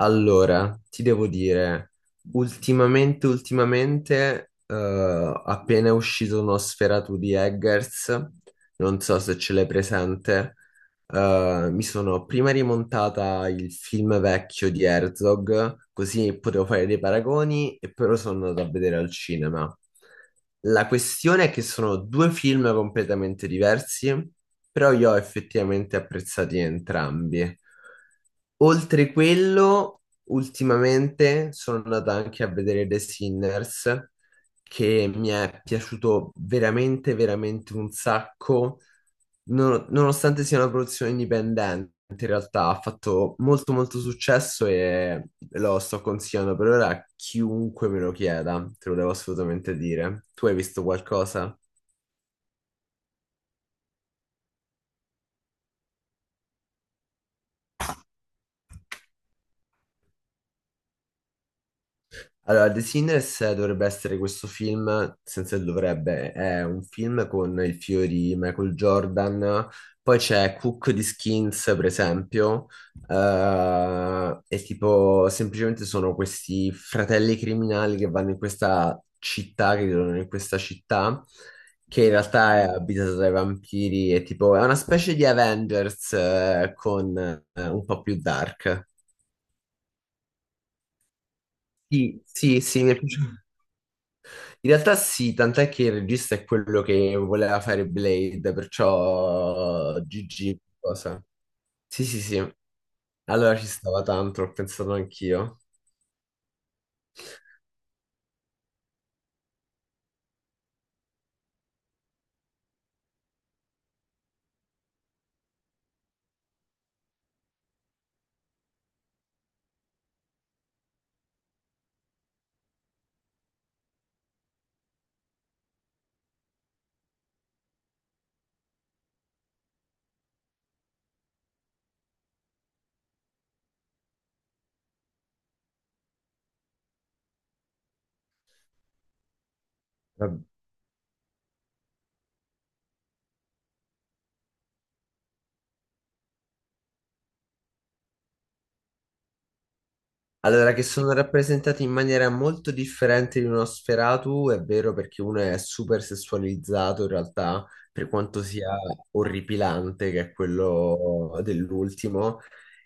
Allora, ti devo dire, ultimamente, appena è uscito uno Sferatu di Eggers, non so se ce l'hai presente. Mi sono prima rimontata il film vecchio di Herzog, così potevo fare dei paragoni, e però sono andato a vedere al cinema. La questione è che sono due film completamente diversi, però io ho effettivamente apprezzati entrambi. Oltre quello, ultimamente sono andata anche a vedere The Sinners, che mi è piaciuto veramente, veramente un sacco, nonostante sia una produzione indipendente. In realtà ha fatto molto molto successo e lo sto consigliando per ora a chiunque me lo chieda, te lo devo assolutamente dire. Tu hai visto qualcosa? Allora, The Sinners, dovrebbe essere questo film, senza il dovrebbe, è un film con il fiore di Michael Jordan, poi c'è Cook di Skins, per esempio. E tipo semplicemente sono questi fratelli criminali che vanno in questa città, che vivono in questa città, che in realtà è abitata dai vampiri, e tipo è una specie di Avengers, con un po' più dark. Sì, sì, sì, mi è piaciuto. In realtà sì, tant'è che il regista è quello che voleva fare Blade, perciò GG cosa. Sì, sì, sì. Allora ci stava tanto, ho pensato anch'io. Vabb- Allora, che sono rappresentati in maniera molto differente di uno Sferatu, è vero, perché uno è super sessualizzato in realtà, per quanto sia orripilante, che è quello dell'ultimo,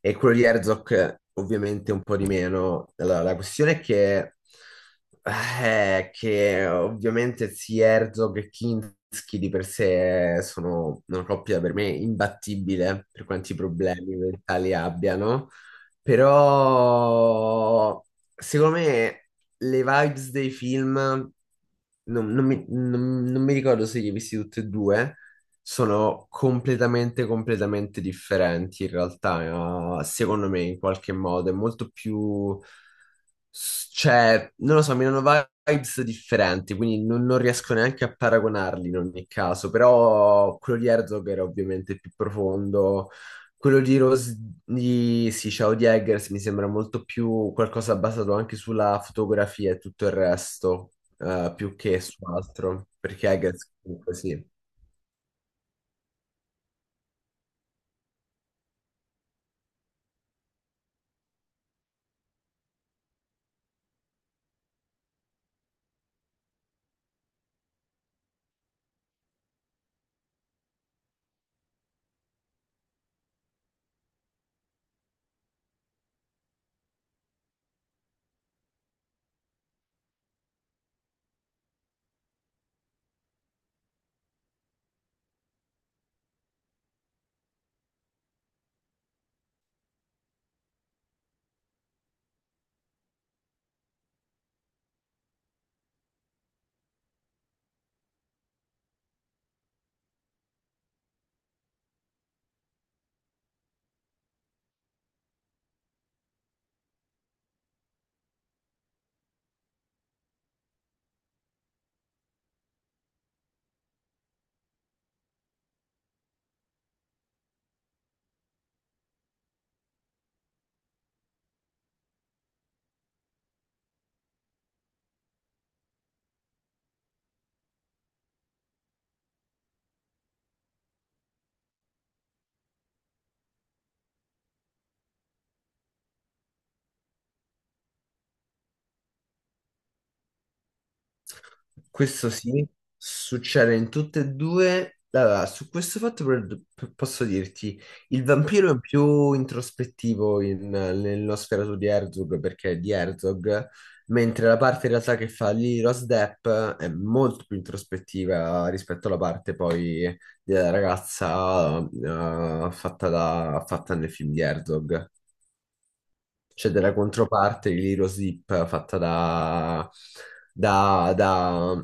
e quello di Herzog ovviamente un po' di meno. Allora, la questione è che ovviamente sia Herzog e Kinski di per sé sono una coppia per me imbattibile, per quanti problemi mentali abbiano. Però, secondo me, le vibes dei film, non mi ricordo se li hai visti tutti e due, sono completamente differenti in realtà, secondo me, in qualche modo. È molto più... cioè, non lo so, mi hanno vibes differenti, quindi non riesco neanche a paragonarli in ogni caso, però quello di Herzog era ovviamente più profondo. Quello di sì, Ciao di Eggers, mi sembra molto più qualcosa basato anche sulla fotografia e tutto il resto, più che su altro, perché Eggers comunque sì. Questo sì, succede in tutte e due. Allora, su questo fatto posso dirti, il vampiro è più introspettivo nello sferato di Herzog, perché è di Herzog, mentre la parte in realtà che fa lì Rose Depp è molto più introspettiva rispetto alla parte poi della ragazza, fatta nel film di Herzog, c'è della controparte di Lilo Zip fatta da, da,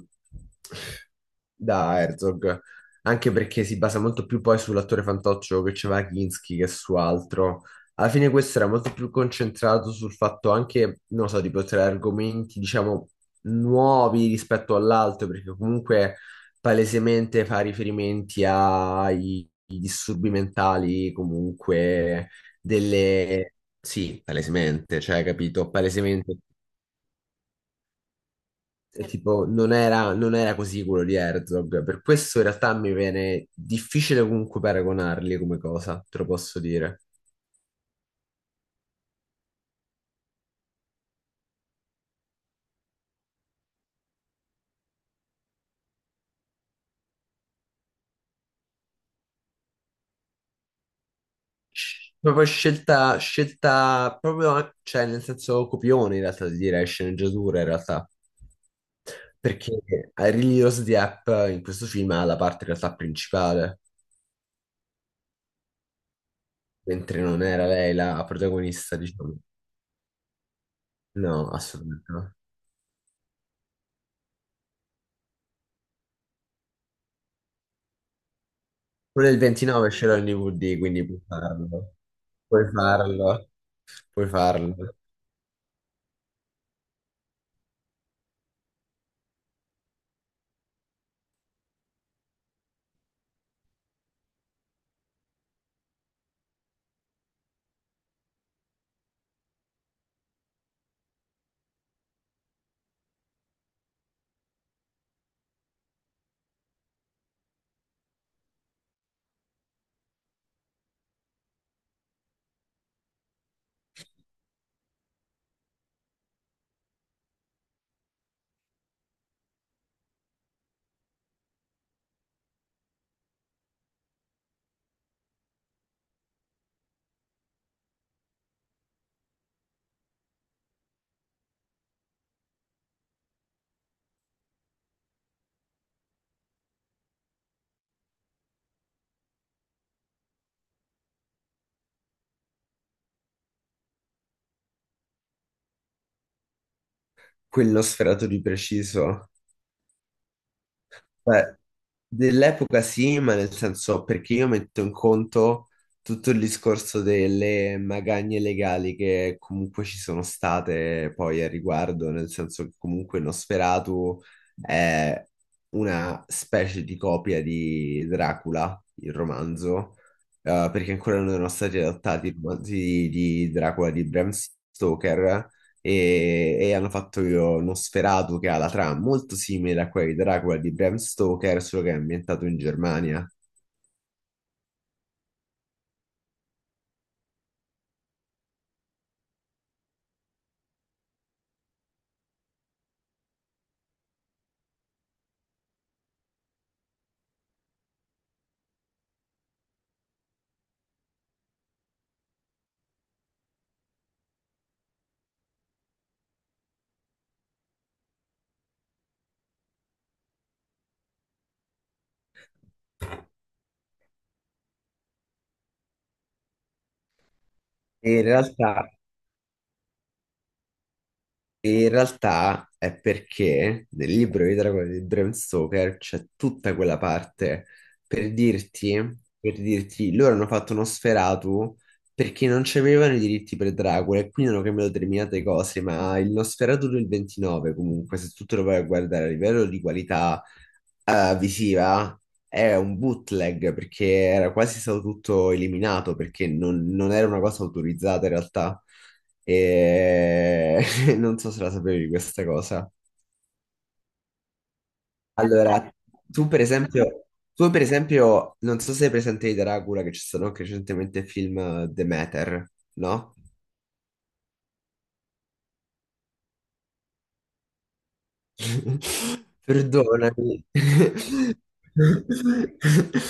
da Herzog, anche perché si basa molto più poi sull'attore fantoccio che c'era Kinski che su altro. Alla fine, questo era molto più concentrato sul fatto anche, non so, di portare argomenti, diciamo, nuovi rispetto all'altro, perché comunque palesemente fa riferimenti ai disturbi mentali, comunque delle, sì, palesemente, cioè, capito, palesemente, sì. Tipo, non era così quello di Herzog, per questo in realtà mi viene difficile comunque paragonarli come cosa, te lo posso dire. Cioè, proprio cioè, nel senso copione in realtà, di dire, sceneggiatura in realtà, perché a Really Rose Diep in questo film ha la parte in realtà principale, mentre non era lei la protagonista, diciamo. No, assolutamente no. Quello del 29 ce l'ho in DVD, quindi puoi farlo. Puoi farlo, puoi farlo. Quello sferato di preciso. Beh, dell'epoca sì, ma nel senso perché io metto in conto tutto il discorso delle magagne legali che comunque ci sono state poi a riguardo, nel senso che comunque Nosferatu è una specie di copia di Dracula, il romanzo, perché ancora non erano stati adattati i romanzi di Dracula di Bram Stoker, e hanno fatto Nosferatu, che ha la trama molto simile a quella di Dracula di Bram Stoker, solo che è ambientato in Germania. E in realtà In realtà è perché nel libro di Dracula di Bram Stoker c'è tutta quella parte, per dirti, per dirti, loro hanno fatto uno Nosferatu perché non c'avevano i diritti per Dracula e quindi hanno cambiato determinate cose, ma il Nosferatu del 29 comunque, se tu te lo vai a guardare a livello di qualità visiva, è un bootleg, perché era quasi stato tutto eliminato, perché non era una cosa autorizzata in realtà. E... Non so se la sapevi questa cosa. Dai. Allora, tu per esempio, tu per esempio, non so se hai presente di Dracula, che ci sono anche recentemente il film Demeter, no? Perdonami.